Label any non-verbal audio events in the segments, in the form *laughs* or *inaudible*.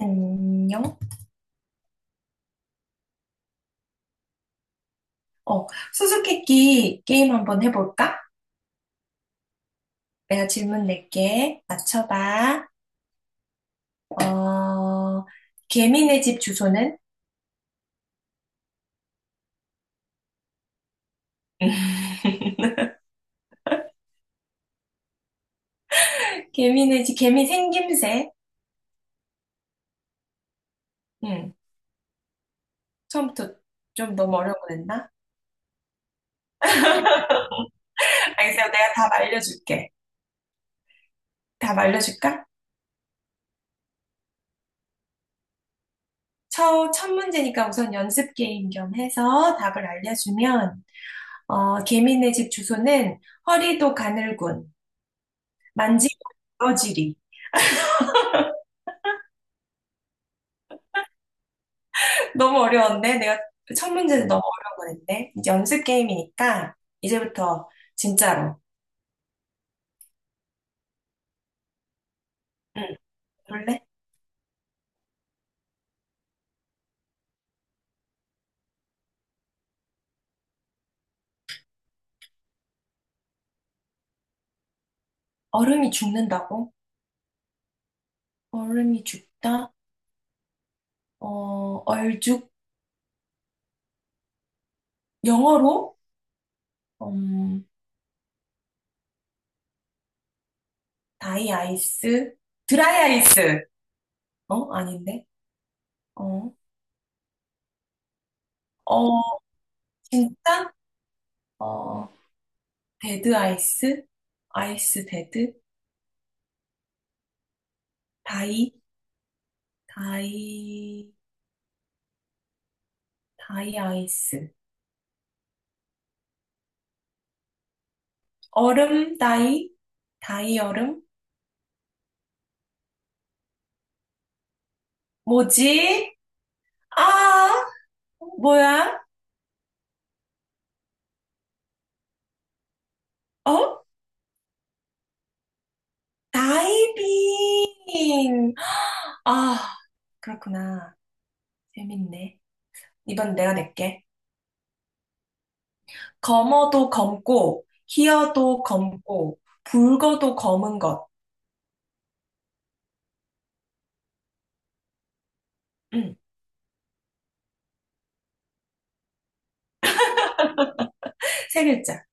안녕. 어, 수수께끼 게임 한번 해볼까? 내가 질문 낼게. 맞춰봐. 어, 개미네 집 주소는? 개미네 집, 개미 생김새. 응. 처음부터 좀 너무 어려운 거 냈나? 알겠어. 내가 답 알려줄게. 답 알려줄까? 첫 문제니까 우선 연습 게임 겸 해서 답을 알려주면, 개미네 집 주소는 허리도 가늘군, 만지고 부러지리. 너무 어려웠네. 내가 첫 문제는 너무 어려운 거 냈네. 이제 연습 게임이니까 이제부터 진짜로. 응, 그럴래? 얼음이 죽는다고? 얼음이 죽다? 어, 얼죽? 영어로? 음, 다이 아이스? 드라이 아이스? 아닌데? 어, 어, 진짜? 어, 데드 아이스? 아이스 데드? 다이? 다이, 다이 아이스. 얼음 다이? 다이 얼음? 뭐지? 아, 뭐야? 어? 다이빙. 아, 그렇구나. 재밌네. 이번 내가 낼게. 검어도 검고, 희어도 검고, 붉어도 검은 것. 음, 세 글자.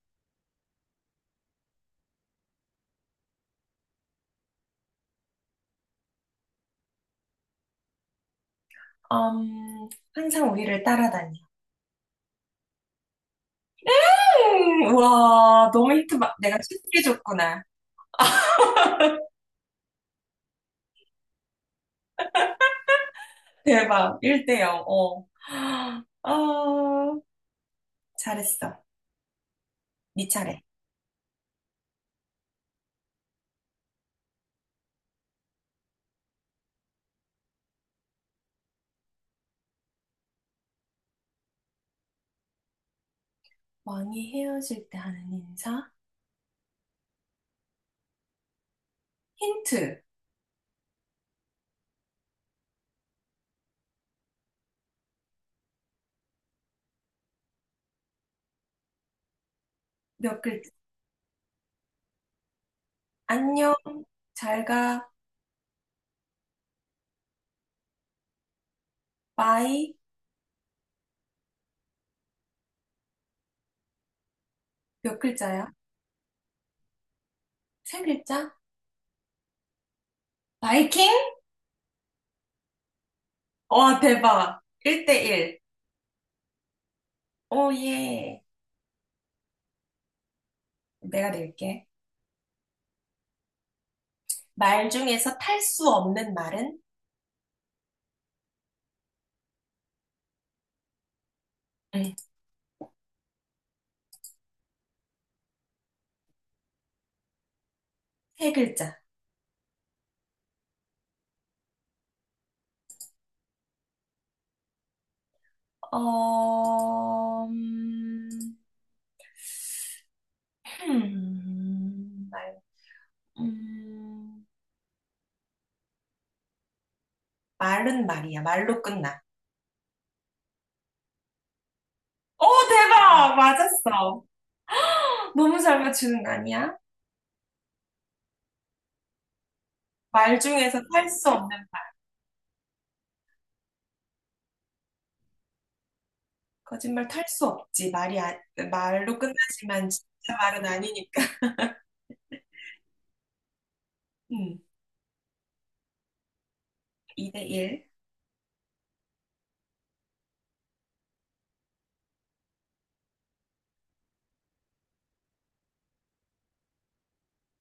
음, 항상 우리를 따라다녀. 우와, 내가 쉽게 줬구나. *laughs* 대박. 1대 0. 어. 아, 잘했어. 네 차례. 왕이 헤어질 때 하는 인사? 힌트 몇 글자? 안녕, 잘 가, 바이 몇 글자야? 세 글자? 바이킹? 와 대박! 1대1. 오예. 내가 낼게. 말 중에서 탈 수 없는 말은? 응, 세 글자. 어... 음, 음, 말, 음, 말은 말이야. 말로 끝나. 오 대박! 맞았어. 너무 잘 맞추는 거 아니야? 말 중에서 탈 수 없는, 거짓말 탈 수 없지. 아, 말로 끝나지만 진짜 말은 아니니까. *laughs* 음, 2대 1.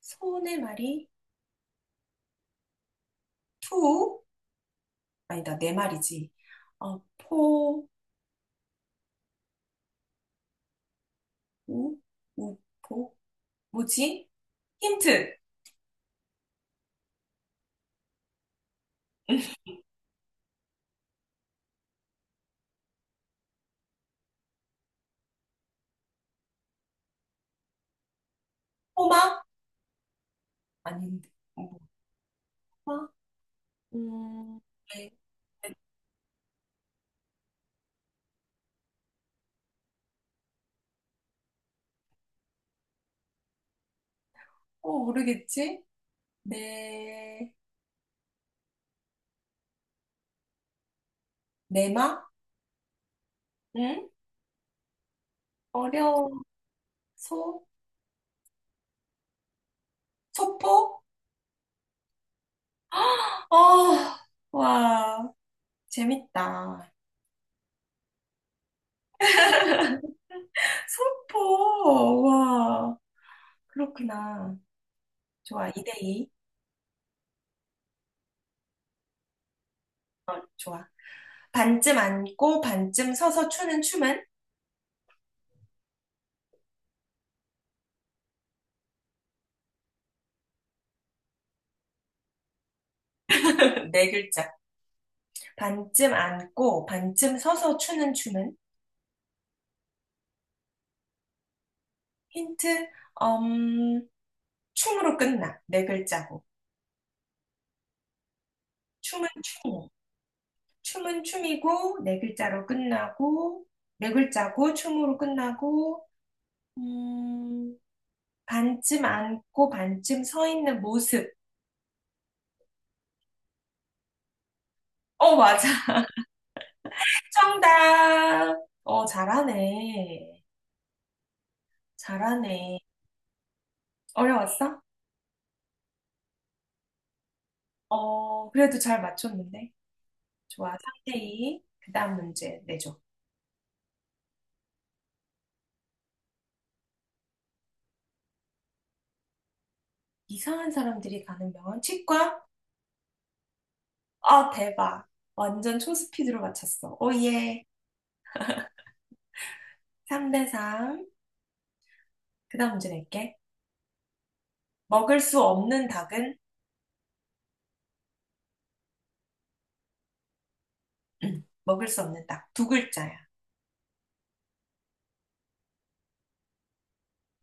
소의 말이 투, 아니다, 내 말이지. 포, 우, 우, 포, 뭐지? 힌트. *laughs* 포마? 아닌데. 포마? 음, 네. 네. 모르겠지? 네, 내마? 응? 어려워. 소? 소포? 어, *gasps* 와. 재밌다. 소포, 와, 그렇구나. 좋아, 2대2. 좋아. 반쯤 앉고 반쯤 서서 추는 춤은? *laughs* 네 글자. 반쯤 앉고 반쯤 서서 추는 춤은? 힌트, 음, 춤으로 끝나. 네 글자고. 춤은 춤이고. 춤은 춤이고, 네 글자로 끝나고, 네 글자고, 춤으로 끝나고, 음, 반쯤 앉고 반쯤 서 있는 모습. 어, 맞아. 정답. 어, 잘하네. 잘하네. 어려웠어? 그래도 잘 맞췄는데. 좋아. 3대2. 그다음 문제 내줘. 이상한 사람들이 가는 병원 치과? 아, 대박. 완전 초스피드로 맞췄어. 오, 예. 3대3. 그다음 문제 낼게. 먹을 수 없는 닭은? 응, 먹을 수 없는 닭. 두 글자야.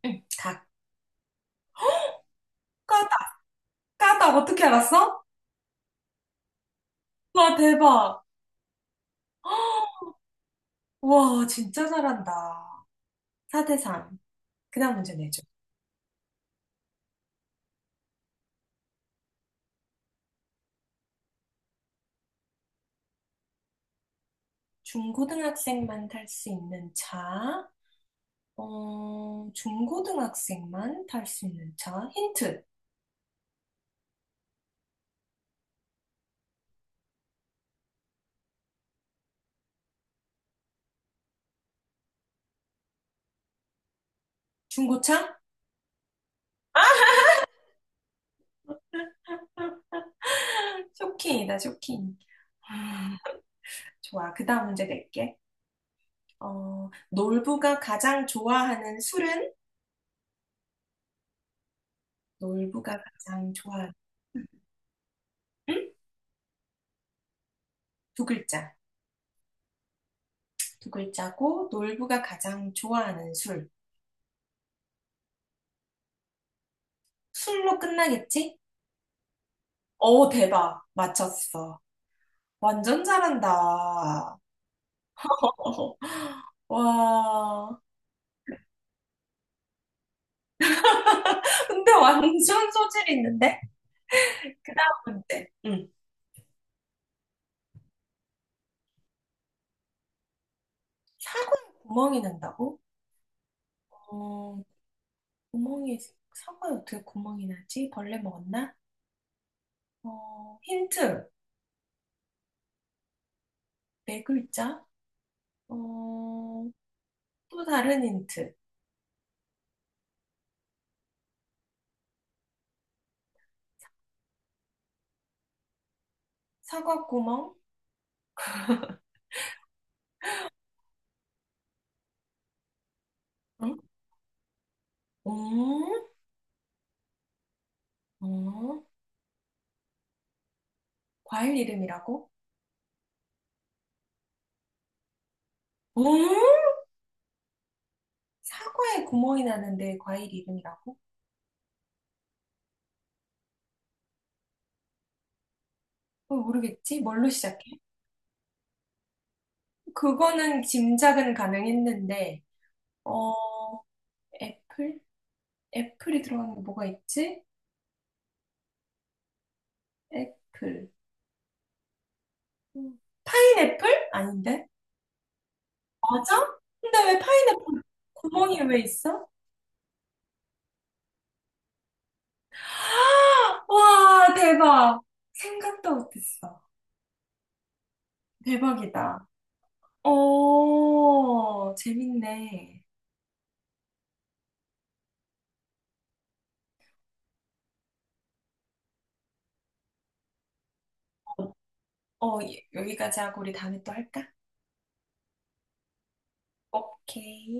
응, 닭. 까닭. 까닭. 어떻게 알았어? 와, 대박. *gasps* 와, 진짜 잘한다. 4대3. 그다음 문제 내줘. 중고등학생만 탈 수 있는 차. 중고등학생만 탈 수 있는 차. 힌트. 중고차? 아, 쇼킹이다, 쇼킹. 아, 좋아. 그다음 문제 낼게. 놀부가 가장 좋아하는 술은? 놀부가 가장 좋아하는 응? 두 글자. 두 글자고 놀부가 가장 좋아하는 술. 술로 끝나겠지? 대박. 맞췄어. 완전 잘한다. *laughs* 와, 근데 완전 소질이 있는데? 그 다음 문제. 응. 사과에 구멍이 난다고? 어, 구멍이, 사과에 어떻게 구멍이 나지? 벌레 먹었나? 힌트. 네 글자? 어, 또 다른 힌트. 사과 구멍? 응? 음? 어, 과일 이름이라고? 음? 사과에 구멍이 나는데 과일 이름이라고? 모르겠지? 뭘로 시작해? 그거는 짐작은 가능했는데, 어, 애플? 애플이 들어가는 게 뭐가 있지? 애플. 음. 파인애플? 아닌데? 맞아? 근데 왜 파인애플 구멍이 왜 있어? 아, 와, 대박. 생각도 못했어. 대박이다. 오, 재밌네. 어, 예, 여기까지 하고 우리 다음에 또 할까? 오케이.